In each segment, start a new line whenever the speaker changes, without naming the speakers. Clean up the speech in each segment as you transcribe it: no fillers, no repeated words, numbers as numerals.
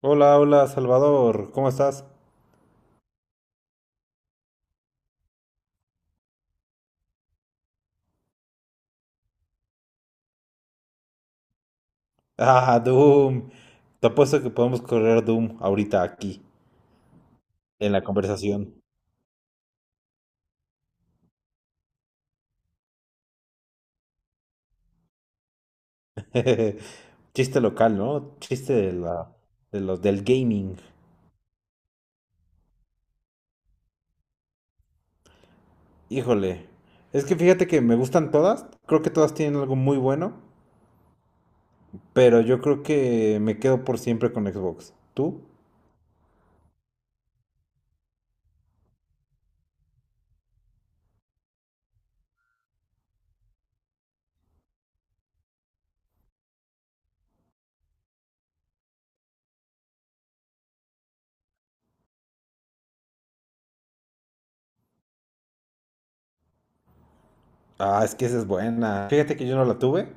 Hola, hola, Salvador, ¿cómo estás? Ah, Doom. Te apuesto que podemos correr Doom ahorita aquí, en la conversación. Chiste local, ¿no? Chiste de la, de los, del gaming. Híjole. Es que fíjate que me gustan todas. Creo que todas tienen algo muy bueno. Pero yo creo que me quedo por siempre con Xbox. ¿Tú? Ah, es que esa es buena. Fíjate que yo no la tuve.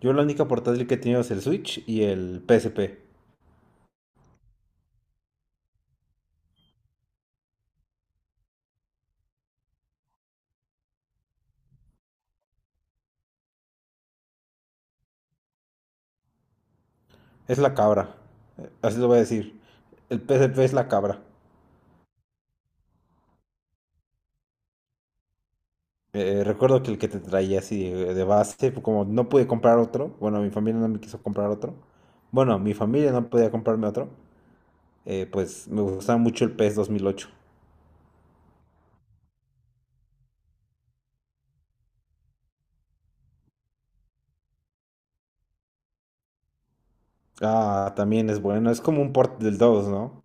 Yo la única portátil que he tenido es el Switch y el PSP. Es la cabra. Así lo voy a decir. El PSP es la cabra. Recuerdo que el que te traía así de base, pues, como no pude comprar otro, bueno, mi familia no me quiso comprar otro. Bueno, mi familia no podía comprarme otro. Pues me gustaba mucho el PS 2008. Ah, también es bueno. Es como un port del dos, ¿no?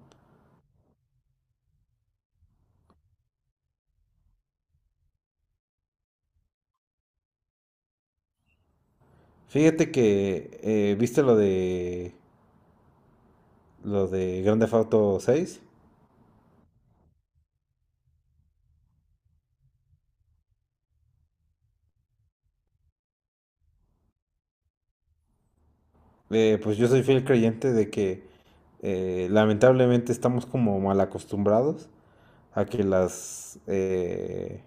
Fíjate que, ¿viste lo de Grand Theft Auto 6? Pues yo soy fiel creyente de que lamentablemente estamos como mal acostumbrados a que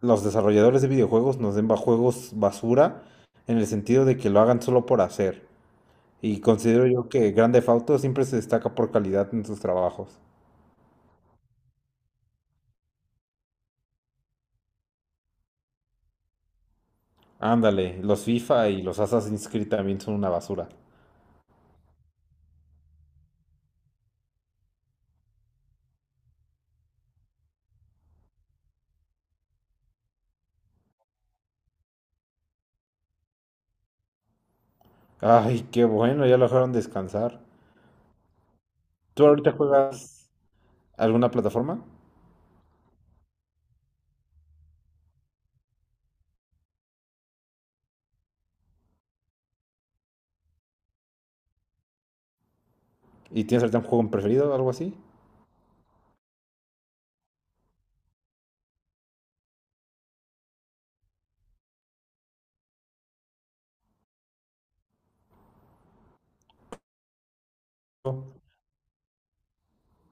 los desarrolladores de videojuegos nos den juegos basura, en el sentido de que lo hagan solo por hacer. Y considero yo que Grand Theft Auto siempre se destaca por calidad en sus trabajos. Ándale, los FIFA y los Assassin's Creed también son una basura. Ay, qué bueno, ya lo dejaron descansar. ¿Tú ahorita juegas alguna plataforma? ¿Y tienes ahorita un juego preferido o algo así?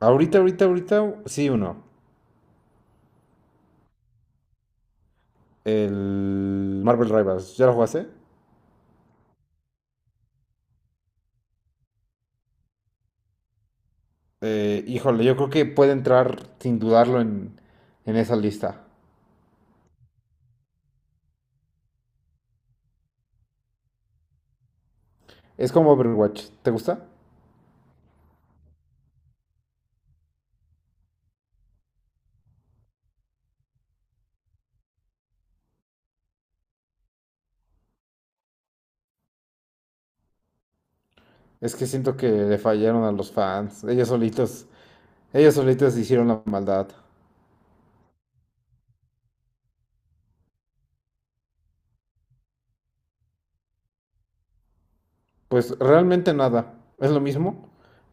Ahorita, ahorita, ahorita, sí, uno. El Marvel Rivals, ¿ya lo jugaste? Híjole, yo creo que puede entrar sin dudarlo en esa lista. Es como Overwatch, ¿te gusta? Es que siento que le fallaron a los fans. Ellos solitos hicieron la maldad. Pues realmente nada, es lo mismo,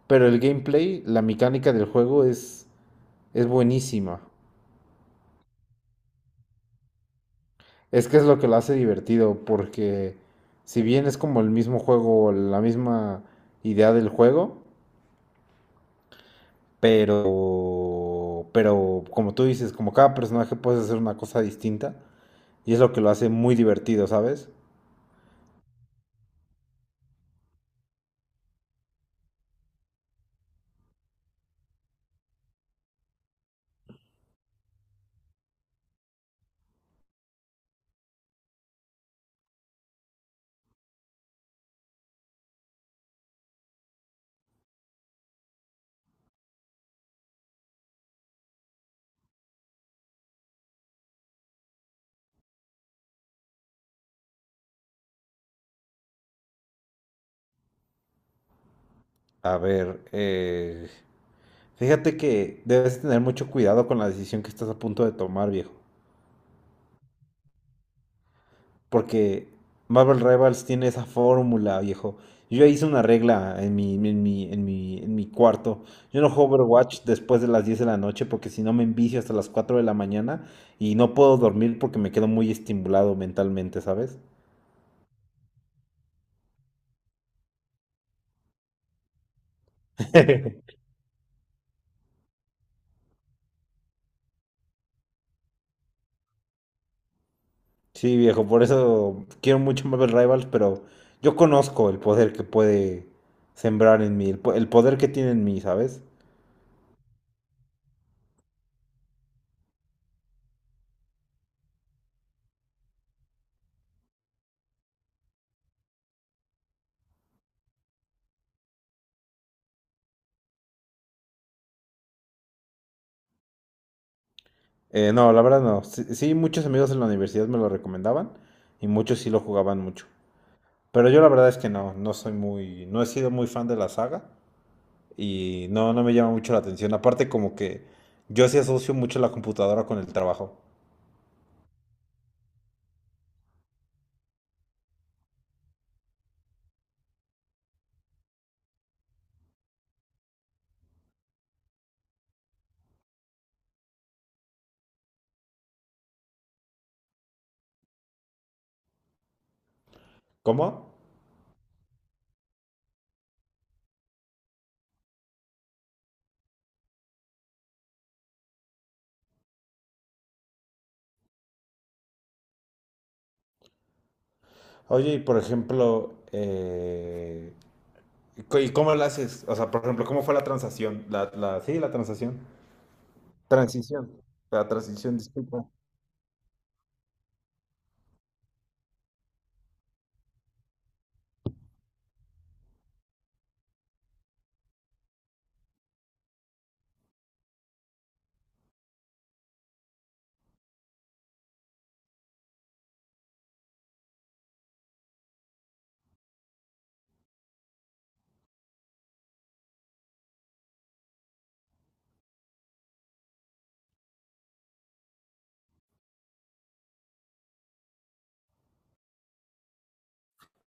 pero el gameplay, la mecánica del juego es buenísima. Es que es lo que lo hace divertido, porque si bien es como el mismo juego, la misma idea del juego, pero como tú dices, como cada personaje puede hacer una cosa distinta y es lo que lo hace muy divertido, ¿sabes? A ver, fíjate que debes tener mucho cuidado con la decisión que estás a punto de tomar, viejo, porque Marvel Rivals tiene esa fórmula, viejo. Yo ya hice una regla en mi cuarto. Yo no juego Overwatch después de las 10 de la noche porque si no me envicio hasta las 4 de la mañana y no puedo dormir porque me quedo muy estimulado mentalmente, ¿sabes? Sí, viejo, por eso quiero mucho Marvel Rivals, pero yo conozco el poder que puede sembrar en mí, el poder que tiene en mí, ¿sabes? No, la verdad no. Sí, sí, muchos amigos en la universidad me lo recomendaban y muchos sí lo jugaban mucho. Pero yo la verdad es que no, no soy muy, no he sido muy fan de la saga y no, no me llama mucho la atención. Aparte como que yo sí asocio mucho la computadora con el trabajo. ¿Cómo? Oye, y por ejemplo, ¿y cómo lo haces? O sea, por ejemplo, ¿cómo fue la transacción? Sí, la transacción. Transición. La transición, disculpa.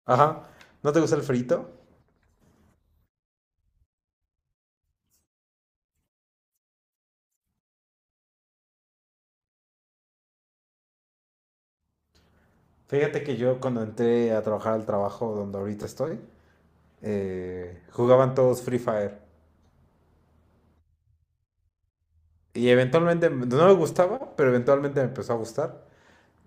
Ajá. ¿No te gusta el frito? Fíjate que yo cuando entré a trabajar al trabajo donde ahorita estoy, jugaban todos Free Fire. Y eventualmente, no me gustaba, pero eventualmente me empezó a gustar.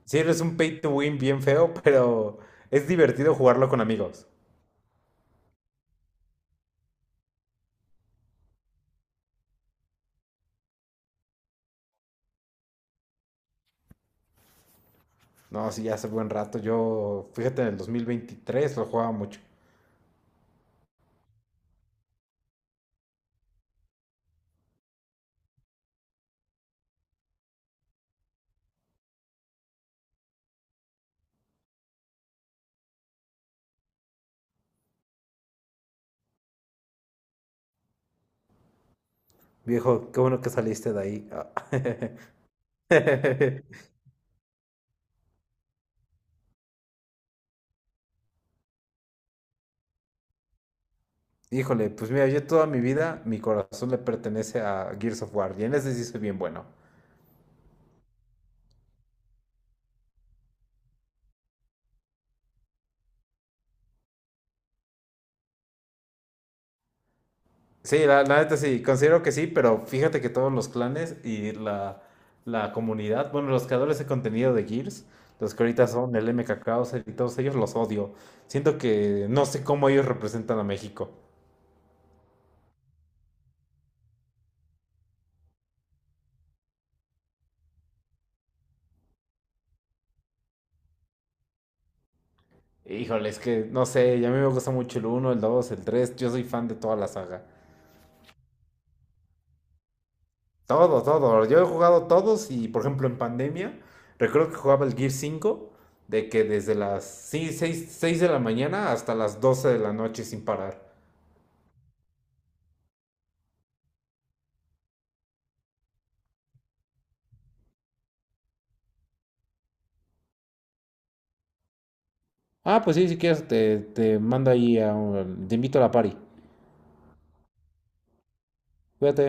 Sí, es un pay to win bien feo, pero es divertido jugarlo con amigos. No, sí, ya hace buen rato. Yo, fíjate, en el 2023 lo jugaba mucho. Viejo, qué bueno que saliste de ahí. Híjole, pues mira, yo toda mi vida, mi corazón le pertenece a Gears of War, y en ese sí soy bien bueno. Sí, la neta sí, considero que sí, pero fíjate que todos los clanes y la comunidad, bueno, los creadores de contenido de Gears, los que ahorita son el MK Krauser y todos ellos, los odio. Siento que no sé cómo ellos representan a México. Híjole, es que no sé, y a mí me gusta mucho el uno, el 2, el 3. Yo soy fan de toda la saga. Todo, todo. Yo he jugado todos y, por ejemplo, en pandemia, recuerdo que jugaba el Gear 5 de que desde las seis de la mañana hasta las 12 de la noche sin parar. Ah, pues sí, si quieres, te mando ahí, te invito a la party. Cuídate.